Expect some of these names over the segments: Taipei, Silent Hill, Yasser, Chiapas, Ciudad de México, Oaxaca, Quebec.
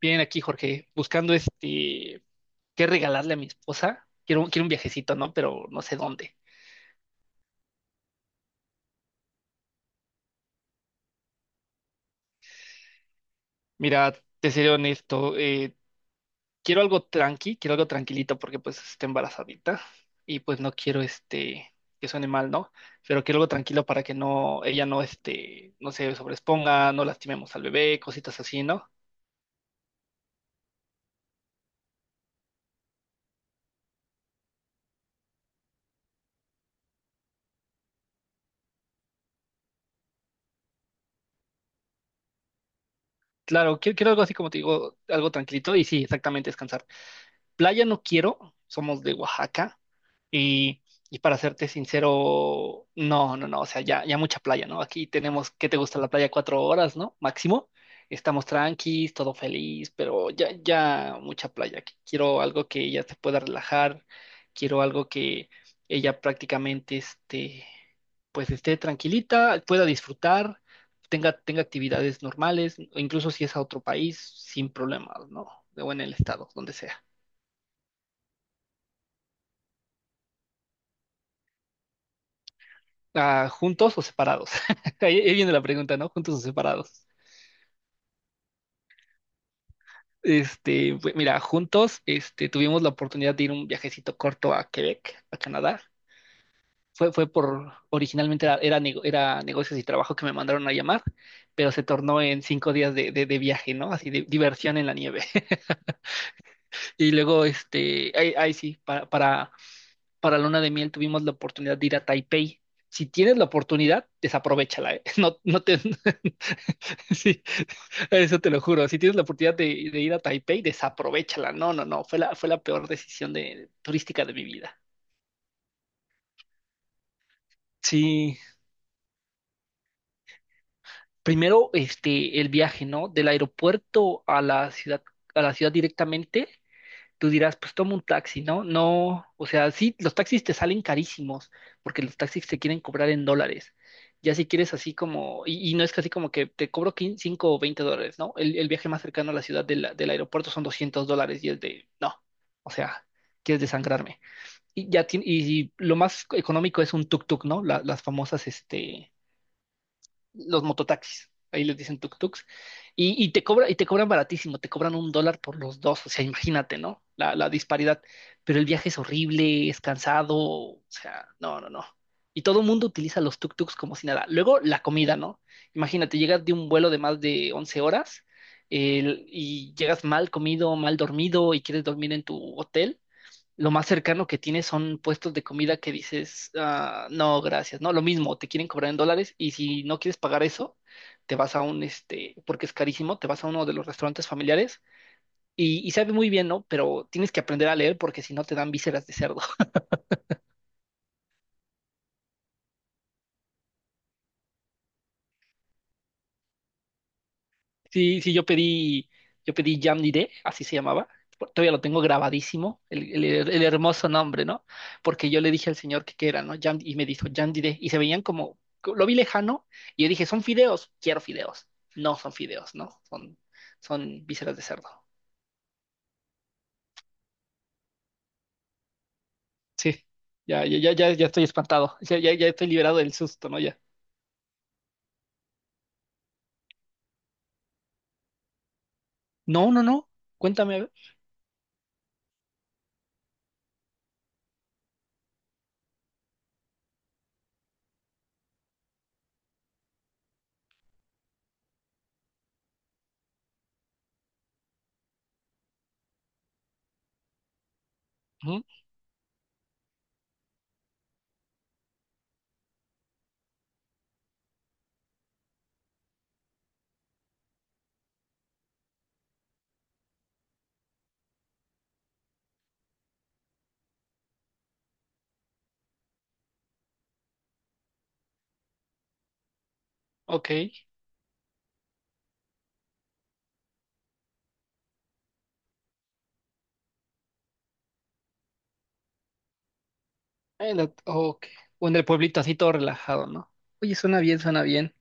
Bien, aquí, Jorge, buscando qué regalarle a mi esposa. Quiero un viajecito, ¿no? Pero no sé dónde. Mira, te seré honesto, quiero algo tranqui, quiero algo tranquilito porque pues está embarazadita y pues no quiero que suene mal, ¿no? Pero quiero algo tranquilo para que no, ella no no se sobreexponga, no lastimemos al bebé, cositas así, ¿no? Claro, quiero, quiero algo así como te digo, algo tranquilito y sí, exactamente descansar. Playa no quiero, somos de Oaxaca. Y, y para serte sincero, no, no, no, o sea, ya, ya mucha playa, ¿no? Aquí tenemos, ¿qué te gusta la playa? 4 horas, ¿no? Máximo. Estamos tranquis, todo feliz, pero ya, ya mucha playa. Quiero algo que ella se pueda relajar, quiero algo que ella prácticamente pues esté tranquilita, pueda disfrutar, tenga actividades normales, o incluso si es a otro país, sin problemas, ¿no? O en el estado, donde sea. Ah, ¿juntos o separados? Ahí viene la pregunta, ¿no? ¿Juntos o separados? Pues, mira, juntos, tuvimos la oportunidad de ir un viajecito corto a Quebec, a Canadá. Originalmente era negocios y trabajo que me mandaron a llamar, pero se tornó en 5 días de viaje, ¿no? Así de diversión en la nieve. Y luego, ahí sí, para Luna de Miel tuvimos la oportunidad de ir a Taipei. Si tienes la oportunidad, desaprovéchala, ¿eh? No, no te. Sí, eso te lo juro. Si tienes la oportunidad de ir a Taipei, desaprovéchala. No, no, no. Fue la peor decisión de, turística de mi vida. Sí. Primero, el viaje, ¿no? Del aeropuerto a la ciudad directamente. Tú dirás, pues toma un taxi, ¿no? No, o sea, sí, los taxis te salen carísimos porque los taxis te quieren cobrar en dólares. Ya si quieres así como, y no es que así como que te cobro 5 o 20 dólares, ¿no? El viaje más cercano a la ciudad del aeropuerto son 200 dólares y es de, no, o sea, quieres desangrarme. Y lo más económico es un tuk-tuk, ¿no? Las famosas, los mototaxis. Ahí les dicen tuk-tuks. Y te cobran baratísimo, te cobran un dólar por los dos. O sea, imagínate, ¿no? La disparidad. Pero el viaje es horrible, es cansado. O sea, no, no, no. Y todo el mundo utiliza los tuk-tuks como si nada. Luego la comida, ¿no? Imagínate, llegas de un vuelo de más de 11 horas y llegas mal comido, mal dormido y quieres dormir en tu hotel lo más cercano que tienes son puestos de comida que dices, "Ah, no, gracias, ¿no? Lo mismo, te quieren cobrar en dólares y si no quieres pagar eso, te vas a un, porque es carísimo, te vas a uno de los restaurantes familiares y sabe muy bien, ¿no? Pero tienes que aprender a leer porque si no te dan vísceras de cerdo. Sí, sí, yo pedí Jamnidé, así se llamaba. Todavía lo tengo grabadísimo, el hermoso nombre, ¿no? Porque yo le dije al señor que qué era, ¿no? Y me dijo Jamnidé, y se veían como, lo vi lejano, y yo dije, son fideos, quiero fideos. No son fideos, ¿no? Son, son vísceras de cerdo. Sí, ya, ya, ya, ya, ya estoy espantado, ya, ya, ya estoy liberado del susto, ¿no? Ya. No, no, no, cuéntame, a ver. Ujú. Ok. Ok. O en el pueblito así todo relajado, ¿no? Oye, suena bien, suena bien.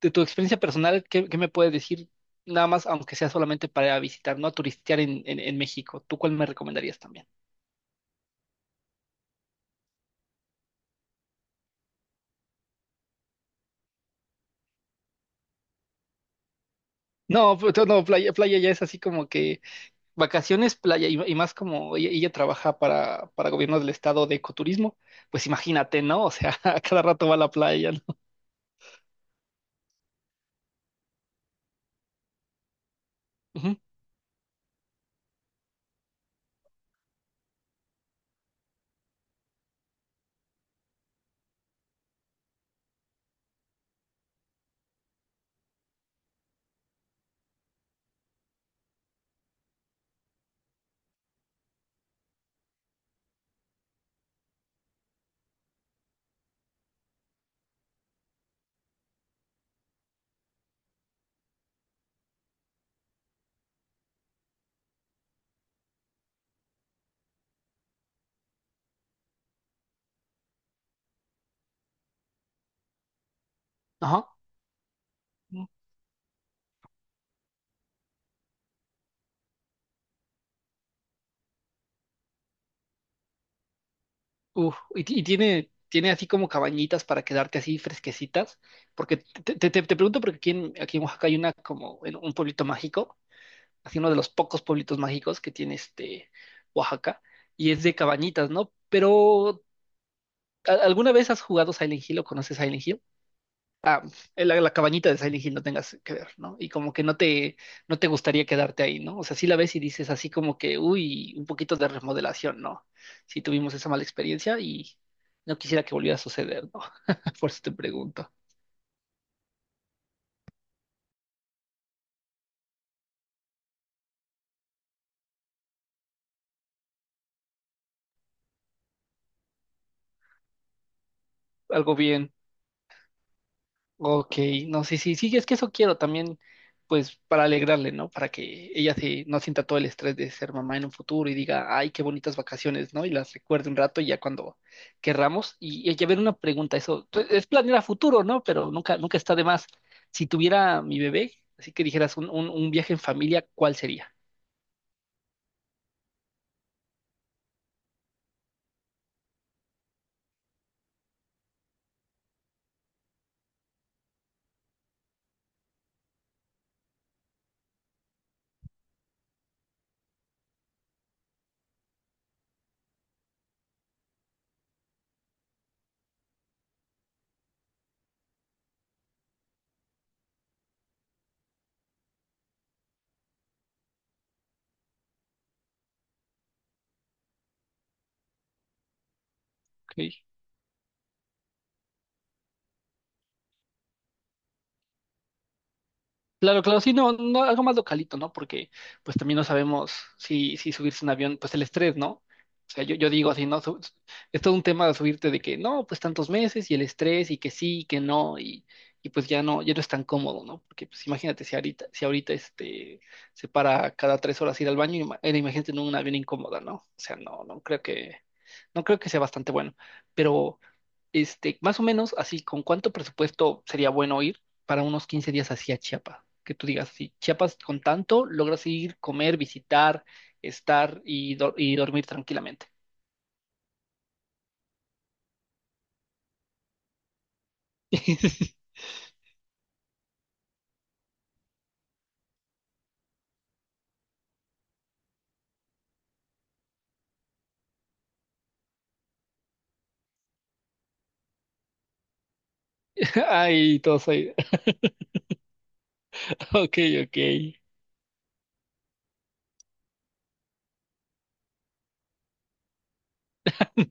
De tu experiencia personal, ¿qué, qué me puedes decir? Nada más, aunque sea solamente para visitar, no a turistear en México. ¿Tú cuál me recomendarías también? No, pues, no, playa, playa ya es así como que vacaciones, playa, y más como ella trabaja para gobierno del estado de ecoturismo, pues imagínate, ¿no? O sea, a cada rato va a la playa, ¿no? Ujú. Ajá. Uf, y tiene, tiene así como cabañitas para quedarte así fresquecitas, porque te pregunto porque aquí en Oaxaca hay una como en un pueblito mágico así uno de los pocos pueblitos mágicos que tiene este Oaxaca, y es de cabañitas, ¿no? Pero, ¿alguna vez has jugado Silent Hill o conoces Silent Hill? Ah, la cabañita de Silent Hill no tengas que ver, ¿no? Y como que no te, no te gustaría quedarte ahí, ¿no? O sea, sí la ves y dices así como que, uy, un poquito de remodelación, ¿no? Sí tuvimos esa mala experiencia y no quisiera que volviera a suceder, ¿no? Por eso te pregunto. Algo bien. Ok, no, sí, sí, sí, es que eso quiero también, pues para alegrarle, ¿no? Para que ella se, no sienta todo el estrés de ser mamá en un futuro y diga, ay, qué bonitas vacaciones, ¿no? Y las recuerde un rato y ya cuando querramos. Y a ver, una pregunta, eso pues, es planear a futuro, ¿no? Pero nunca, nunca está de más. Si tuviera mi bebé, así que dijeras un viaje en familia, ¿cuál sería? Ok. Claro, claro, sí, no, no, algo más localito, ¿no? Porque pues también no sabemos si subirse en avión, pues el estrés, ¿no? O sea, yo digo así, ¿no? Es todo un tema de subirte de que no, pues tantos meses y el estrés y que sí y que no y pues ya no, ya no es tan cómodo, ¿no? Porque pues imagínate si ahorita, si ahorita se para cada 3 horas ir al baño, imagínate en un avión incómoda, ¿no? O sea, no, no creo que, no creo que sea bastante bueno, pero... Este, más o menos así, ¿con cuánto presupuesto sería bueno ir para unos 15 días hacia Chiapas? Que tú digas, si Chiapas con tanto logras ir, comer, visitar, estar y dormir tranquilamente. Ay, todos ahí. Ok, ok.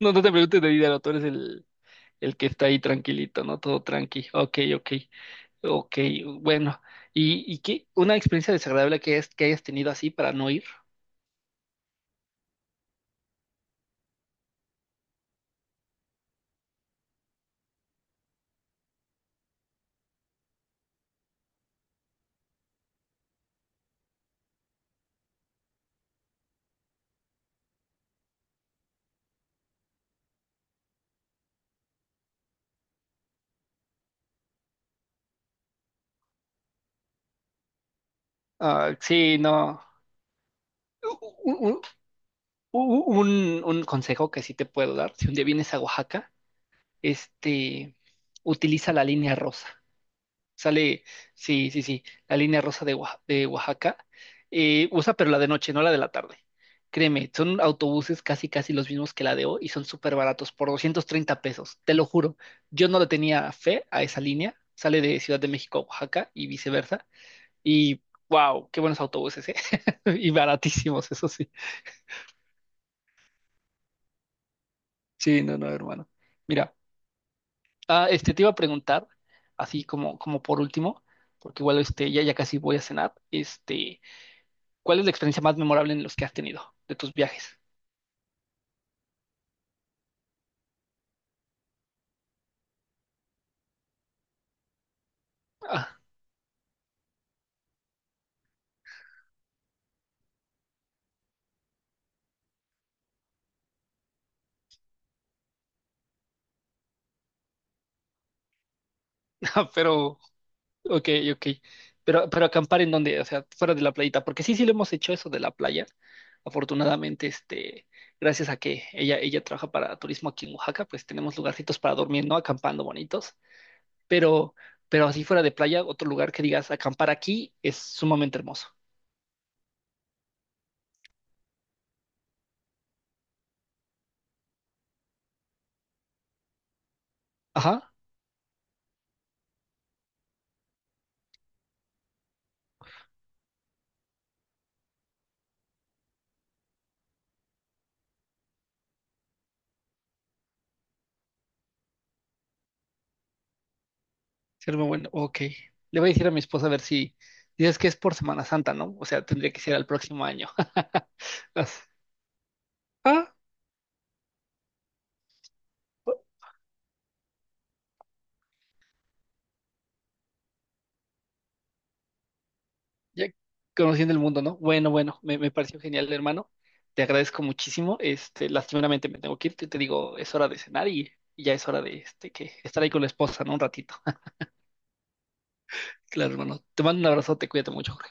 No, no te preguntes de dinero, tú eres el que está ahí tranquilito, ¿no? Todo tranqui. Ok, ok. Ok, bueno. Y qué? ¿Una experiencia desagradable que, es, que hayas tenido así para no ir? Ah, sí, no. Un consejo que sí te puedo dar, si un día vienes a Oaxaca, este, utiliza la línea rosa. Sale, sí, sí, sí, la línea rosa de, de Oaxaca. Eh, usa, pero la de noche, no la de la tarde. Créeme, son autobuses casi, casi los mismos que la de hoy y son súper baratos, por 230 pesos, te lo juro. Yo no le tenía fe a esa línea. Sale de Ciudad de México a Oaxaca y viceversa. Y wow, qué buenos autobuses, ¿eh? Y baratísimos, eso sí. Sí, no, no, hermano. Mira. Ah, te iba a preguntar, así como, como por último, porque igual ya casi voy a cenar, ¿cuál es la experiencia más memorable en los que has tenido de tus viajes? Ah, pero, ok, ok. Pero acampar en donde, o sea, fuera de la playita, porque sí, sí lo hemos hecho eso de la playa. Afortunadamente, gracias a que ella trabaja para turismo aquí en Oaxaca, pues tenemos lugarcitos para dormir, ¿no? Acampando bonitos. Pero, pero así fuera de playa, otro lugar que digas, acampar aquí es sumamente hermoso. Ajá. Ser muy bueno, ok. Le voy a decir a mi esposa a ver si dices que es por Semana Santa, ¿no? O sea, tendría que ser al próximo año. As- Ah, oh, ya conociendo el mundo, ¿no? Bueno, bueno, me pareció genial, hermano. Te agradezco muchísimo. Este, lastimeramente me tengo que ir. Te digo, es hora de cenar y ya es hora de que estar ahí con la esposa, ¿no? Un ratito. Claro, hermano. Te mando un abrazo, te cuídate mucho, Jorge.